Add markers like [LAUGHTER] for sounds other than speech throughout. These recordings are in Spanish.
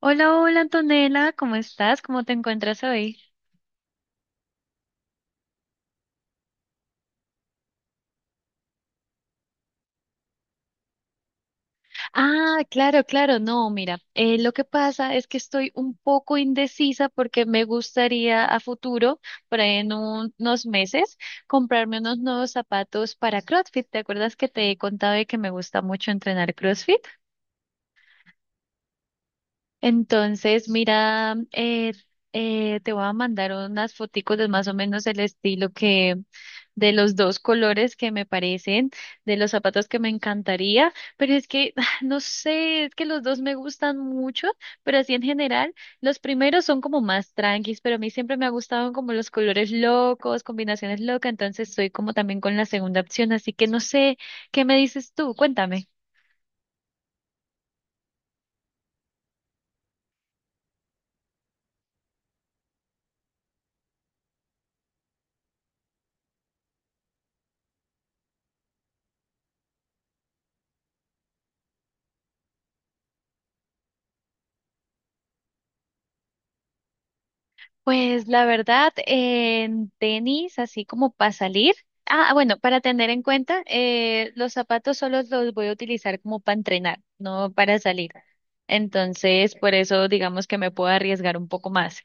Hola, hola Antonella, ¿cómo estás? ¿Cómo te encuentras hoy? Ah, claro, claro, no, mira, lo que pasa es que estoy un poco indecisa porque me gustaría a futuro, por ahí en unos meses, comprarme unos nuevos zapatos para CrossFit. ¿Te acuerdas que te he contado de que me gusta mucho entrenar CrossFit? Entonces, mira, te voy a mandar unas foticos de más o menos el estilo que de los dos colores que me parecen, de los zapatos que me encantaría, pero es que [LAUGHS] [SIGHS] no sé, es que los dos me gustan mucho, pero así en general, los primeros son como más tranquis, pero a mí siempre me ha gustado como los colores locos, combinaciones locas, entonces estoy como también con la segunda opción, así que no sé, ¿qué me dices tú? Cuéntame. Pues la verdad, en tenis, así como para salir. Ah, bueno, para tener en cuenta, los zapatos solo los voy a utilizar como para entrenar, no para salir. Entonces, por eso digamos que me puedo arriesgar un poco más.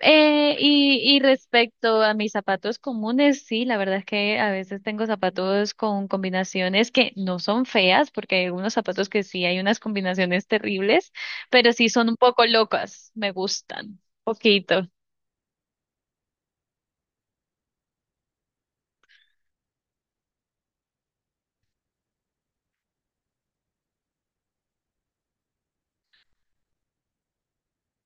Y respecto a mis zapatos comunes, sí, la verdad es que a veces tengo zapatos con combinaciones que no son feas, porque hay unos zapatos que sí hay unas combinaciones terribles, pero sí son un poco locas, me gustan, poquito.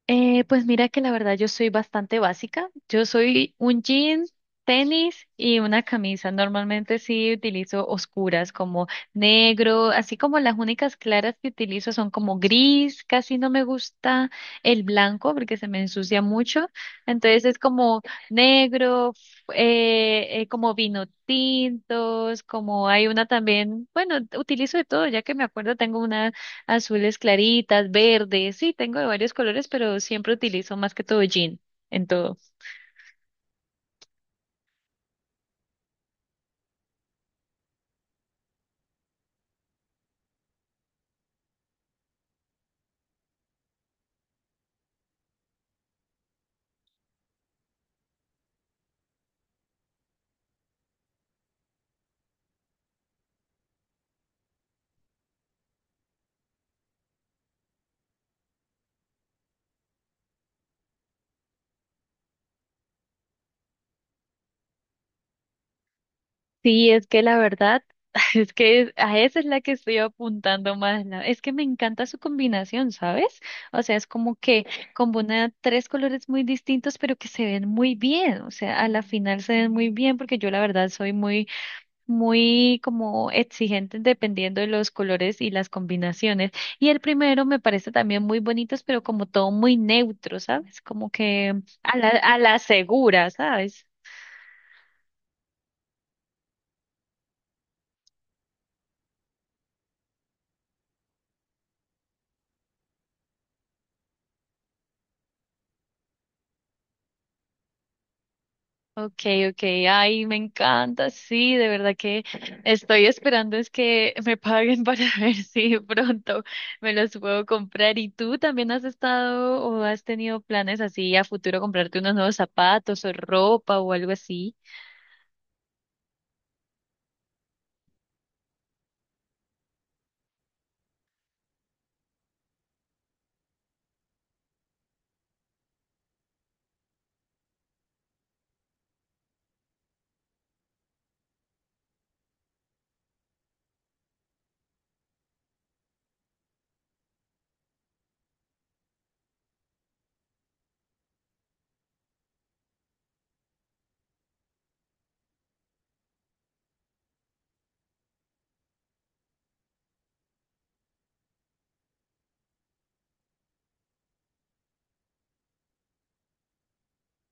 Pues mira que la verdad yo soy bastante básica. Yo soy un jean, tenis y una camisa. Normalmente sí utilizo oscuras como negro, así como las únicas claras que utilizo son como gris. Casi no me gusta el blanco porque se me ensucia mucho. Entonces es como negro, como vino tintos, como hay una también, bueno, utilizo de todo, ya que me acuerdo tengo una azules claritas, verdes, sí, tengo de varios colores, pero siempre utilizo más que todo jean en todo. Sí, es que la verdad, [LAUGHS] es que a esa es la que estoy apuntando más. Es que me encanta su combinación, ¿sabes? O sea, es como que combina tres colores muy distintos, pero que se ven muy bien. O sea, a la final se ven muy bien porque yo la verdad soy muy muy como exigentes dependiendo de los colores y las combinaciones. Y el primero me parece también muy bonitos pero como todo muy neutro, ¿sabes? Como que a la segura, ¿sabes? Okay, okay, ay, me encanta, sí, de verdad que estoy esperando es que me paguen para [LAUGHS] ver si de pronto me los puedo comprar. ¿Y tú también has estado o has tenido planes así a futuro comprarte unos nuevos zapatos o ropa o algo así?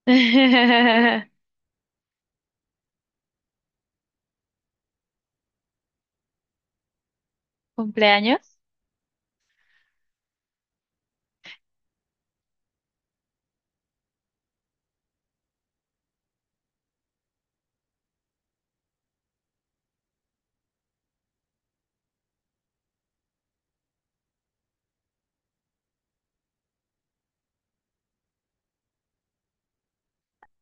[LAUGHS] ¿Cumpleaños?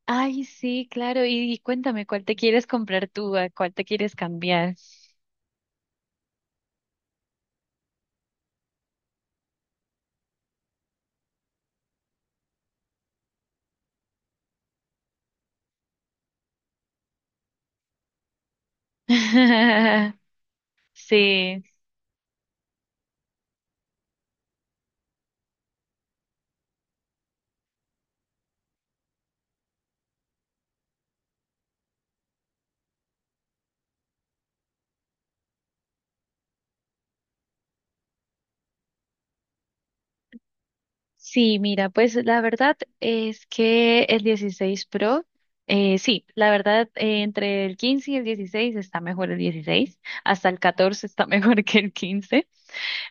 Ay, sí, claro. Y cuéntame, ¿cuál te quieres comprar tú? ¿A cuál te quieres cambiar? [LAUGHS] Sí, sí, mira, pues la verdad es que el 16 Pro, sí, la verdad entre el 15 y el 16 está mejor el 16, hasta el 14 está [LAUGHS] mejor que el 15.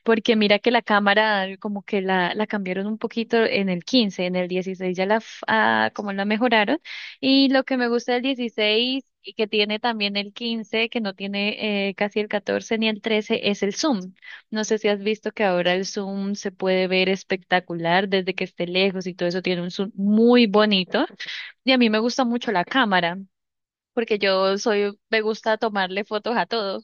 Porque mira que la cámara como que la cambiaron un poquito en el 15, en el 16 ya la como la mejoraron. Y lo que me gusta del 16 y que tiene también el 15, que no tiene casi el 14 ni el 13, es el zoom. No sé si has visto que ahora el zoom se puede ver espectacular desde que esté lejos y todo eso tiene un zoom muy bonito. Y a mí me gusta mucho la cámara. Porque yo soy, me gusta tomarle fotos a todo.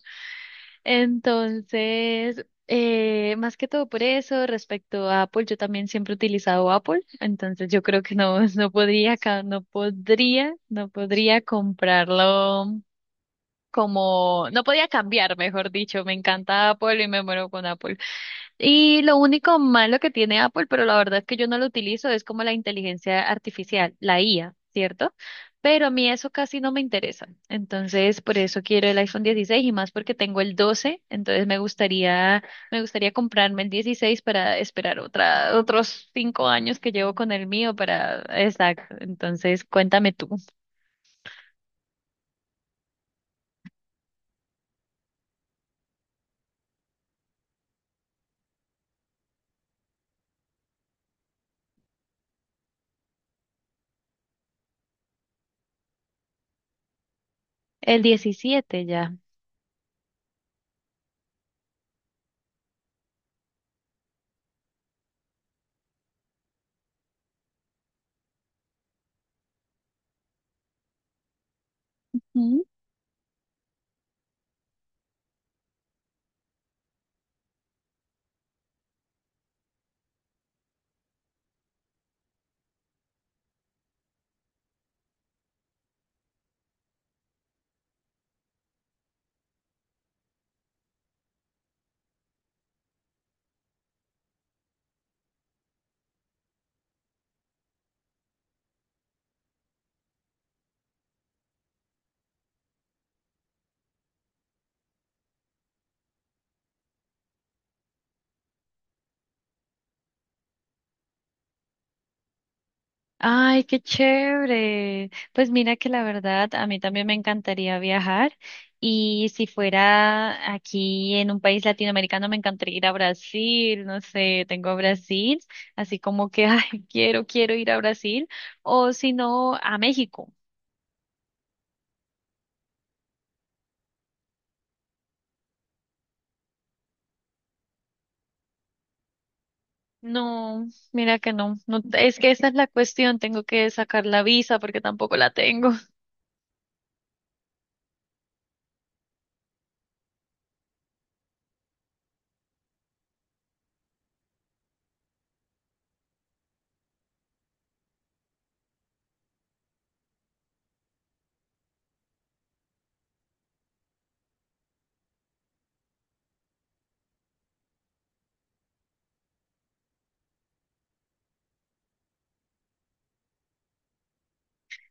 Entonces, más que todo por eso, respecto a Apple, yo también siempre he utilizado Apple, entonces yo creo que no, [LAUGHS] no podría, no podría, no podría comprarlo como, no podía cambiar, mejor dicho, me encanta Apple y me muero con Apple. Y lo único malo que tiene Apple, pero la verdad es que yo no lo utilizo, es como la inteligencia artificial, la IA, ¿cierto? Pero a mí eso casi no me interesa. Entonces, por eso quiero el iPhone 16 y más porque tengo el 12, entonces me gustaría comprarme el 16 para esperar otros 5 años que llevo con el mío para, exacto. Entonces, cuéntame tú. El 17 ya. Ay, qué chévere. Pues mira que la verdad, a mí también me encantaría viajar y si fuera aquí en un país latinoamericano, me encantaría ir a Brasil, no sé, tengo a Brasil, así como que, [LAUGHS] ay, quiero, quiero ir a Brasil o si no, a México. No, mira que no, no, es que esa es la cuestión, tengo que sacar la visa porque tampoco la tengo.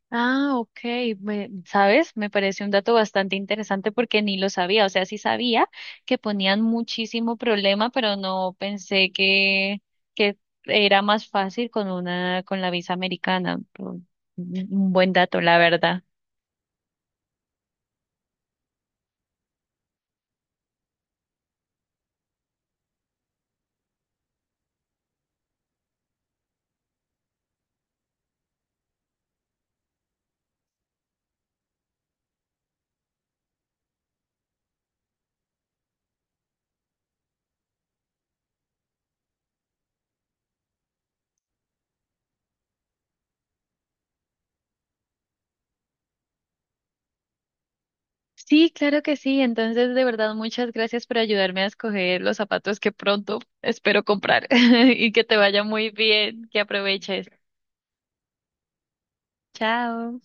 Ah, ok. ¿Sabes? Me parece un dato bastante interesante porque ni lo sabía. O sea, sí sabía que ponían muchísimo problema, pero no pensé que era más fácil con una, con la visa americana. Pero un buen dato, la verdad. Sí, claro que sí. Entonces, de verdad, muchas gracias por ayudarme a escoger los zapatos que pronto espero comprar [LAUGHS] y que te vaya muy bien, que aproveches. Chao.